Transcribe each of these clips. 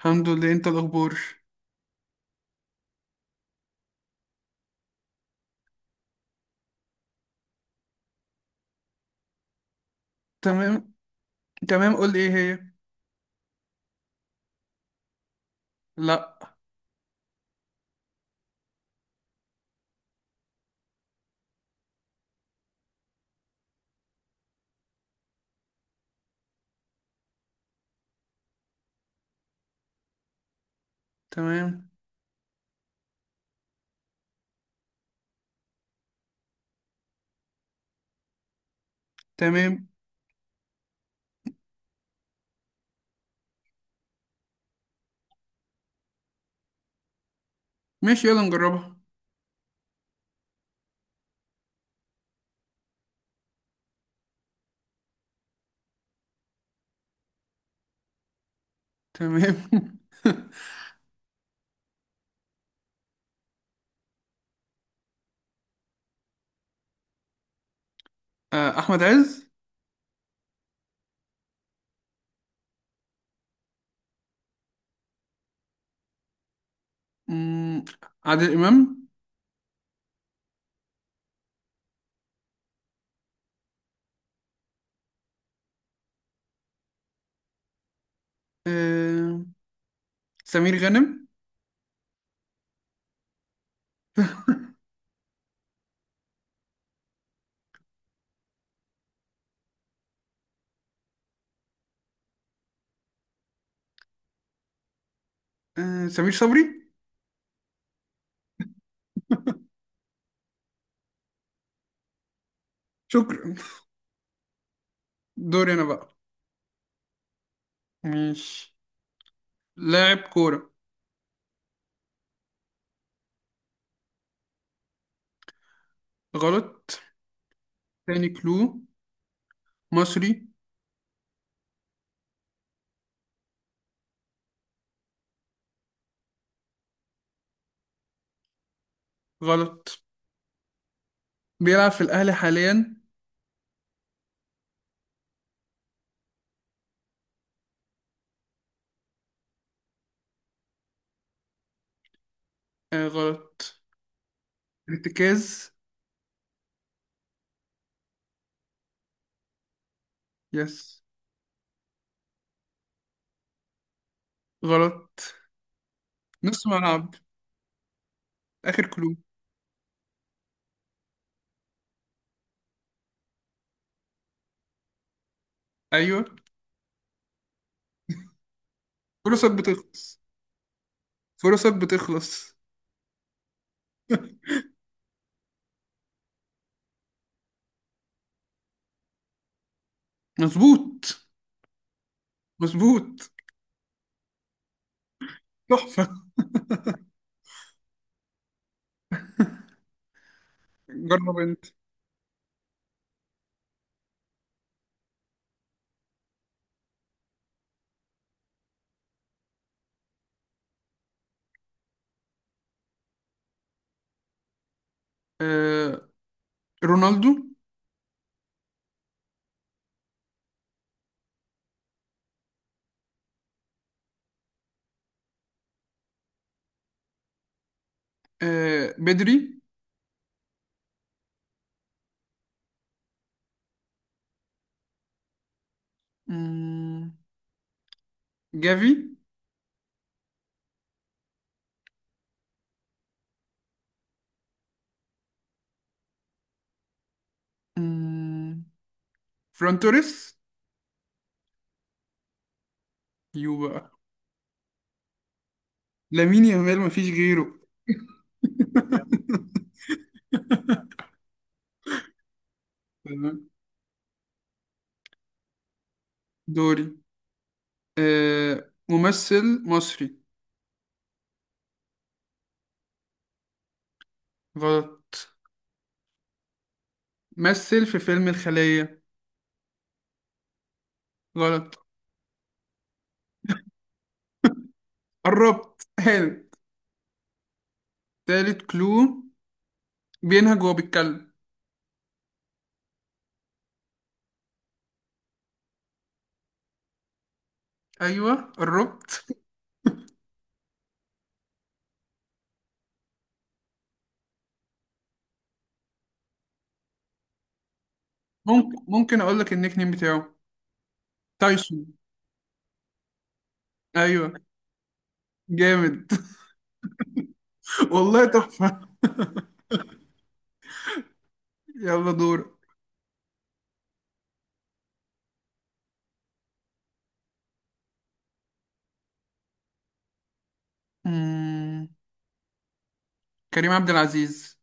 الحمد لله. انت الاخبار؟ تمام. تمام، قول لي ايه هي. لا. تمام. تمام. ماشي، يلا نجربها. تمام. احمد عز. مم، عادل امام. آه، سمير غانم. سمير صبري. شكرا. دوري انا بقى. ماشي. لاعب كورة. غلط. تاني كلو. مصري. غلط. بيلعب في الاهلي حاليا. غلط. ارتكاز. يس. غلط. نص ملعب. آخر كلو. أيوه. فرصك بتخلص. فرصك بتخلص. مظبوط. مظبوط. تحفة. جرب أنت. آه، رونالدو. آه، بدري. مم، جافي. مم، فران توريس. يو بقى. لامين يامال مفيش غيره. تمام. دوري. آه، ممثل مصري. غلط. مثل في فيلم الخلية. غلط. قربت هانت. تالت كلو. بينهج وهو بيتكلم. ايوه قربت. ممكن اقول لك النيك نيم بتاعه. تايسون. ايوه. جامد. والله تحفه. يلا دور. مم. كريم عبد العزيز.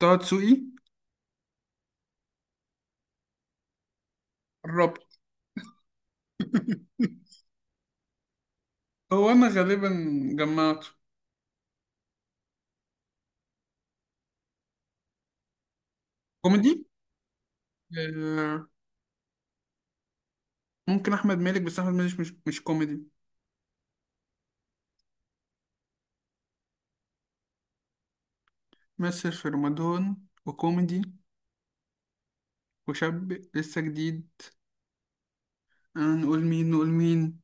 طه دسوقي. قربت. هو انا غالبا جمعته. كوميدي. آه، ممكن احمد مالك، بس احمد مالك مش كوميدي. مثل في رمضان، وكوميدي، وشاب لسه جديد. نقول مين؟ نقول مين؟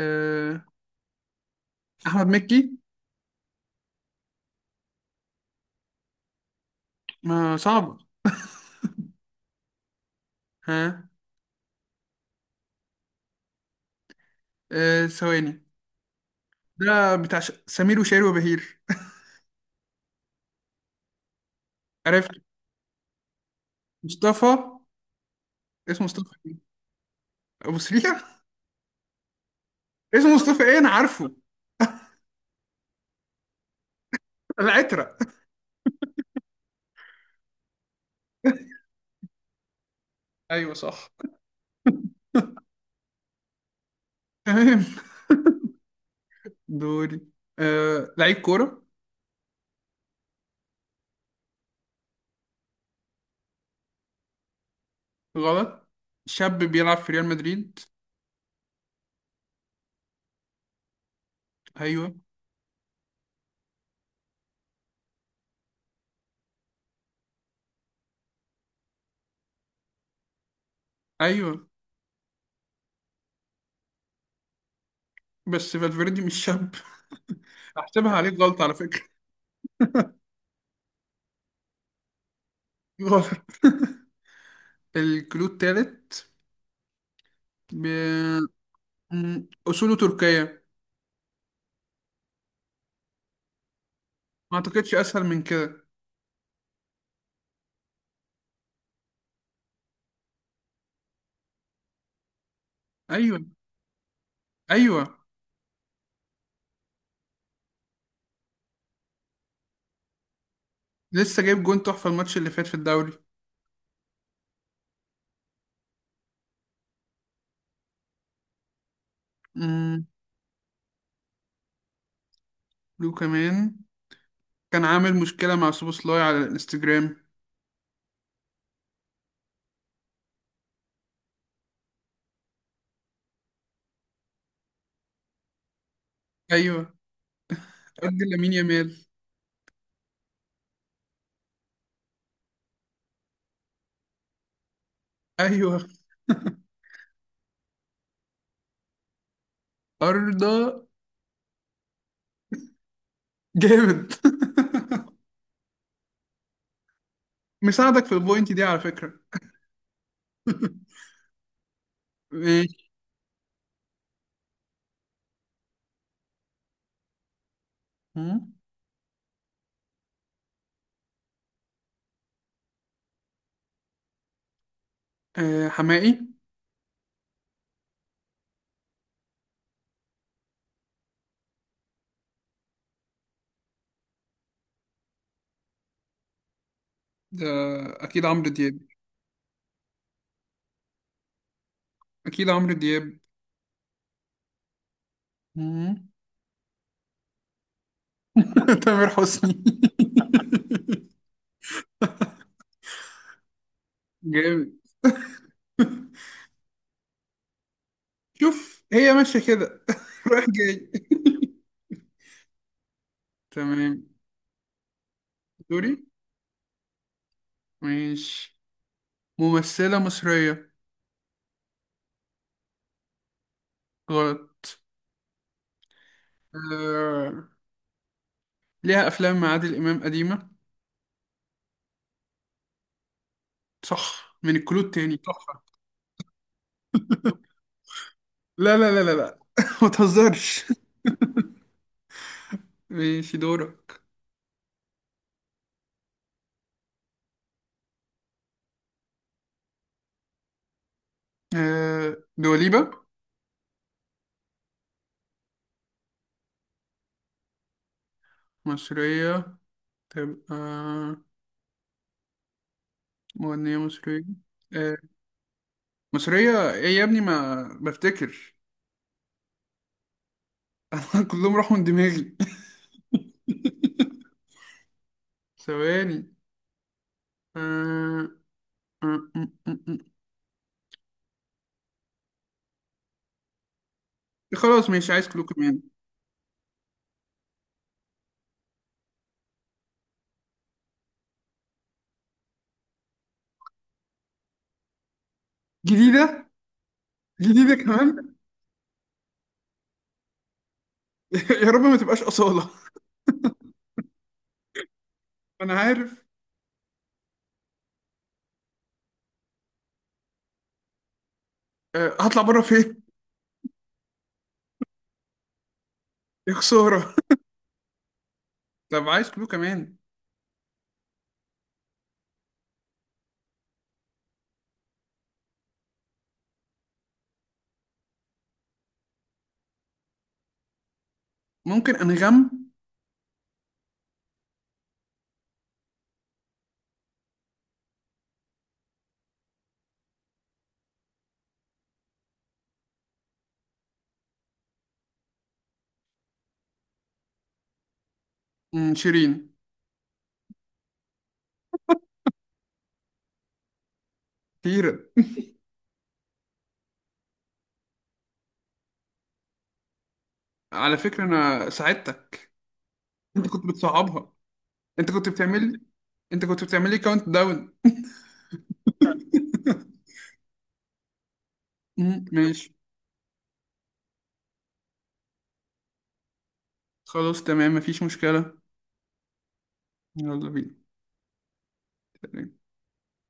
آه، احمد مكي. ما صعب. ها. ثواني. ده بتاع سمير وشهير وبهير. عرفت. مصطفى. اسمه مصطفى ايه؟ ابو سريع. اسمه مصطفى ايه، انا عارفه. العترة. ايوه صح. تمام. دوري. آه، لعيب كورة. غلط. شاب بيلعب في ريال مدريد. ايوه. ايوه. بس فالفيردي مش شاب. هحسبها عليك غلط على فكرة. غلط. الكلو التالت. ب... أصوله تركية. ما أعتقدش أسهل من كده. أيوه. أيوه. لسه جايب جون تحفة الماتش اللي فات في الدوري. امم. لو كمان. كان عامل مشكلة مع سوبوسلاي على الانستجرام. ايوه. ارض لامين يامال. ايوه. ارضى. جامد. مساعدك في البوينت دي على فكرة. ماشي. مم. آه، حمائي. ده اكيد عمرو دياب. اكيد عمرو دياب. مم. تامر حسني. جامد. شوف هي ماشية كده. رايح جاي. تمام. دوري. ماشي. ممثلة مصرية. غلط. آه... ليها أفلام مع عادل إمام قديمة. صح من الكلود تاني، صح؟ لا لا لا لا لا. ما تهزرش. ماشي، دورك. آه... دواليبة. مصرية تبقى. مغنية مصرية. آه... مصرية إيه يا ابني، ما بفتكر. كلهم راحوا من دماغي. ثواني. آه... آه، آه، آه، آه. خلاص ماشي، عايز كلو كمان. جديدة. جديدة كمان. يا رب ما تبقاش أصالة. أنا عارف. آه، هطلع بره فين؟ يا خسارة. طب عايز كلو كمان. ممكن أنغام. مم، شيرين. كتير. على فكرة أنا ساعدتك. أنت كنت بتصعبها. أنت كنت بتعمل. أنت كنت بتعملي كاونت داون. مم، ماشي. خلاص تمام، مفيش مشكلة. يلا بينا.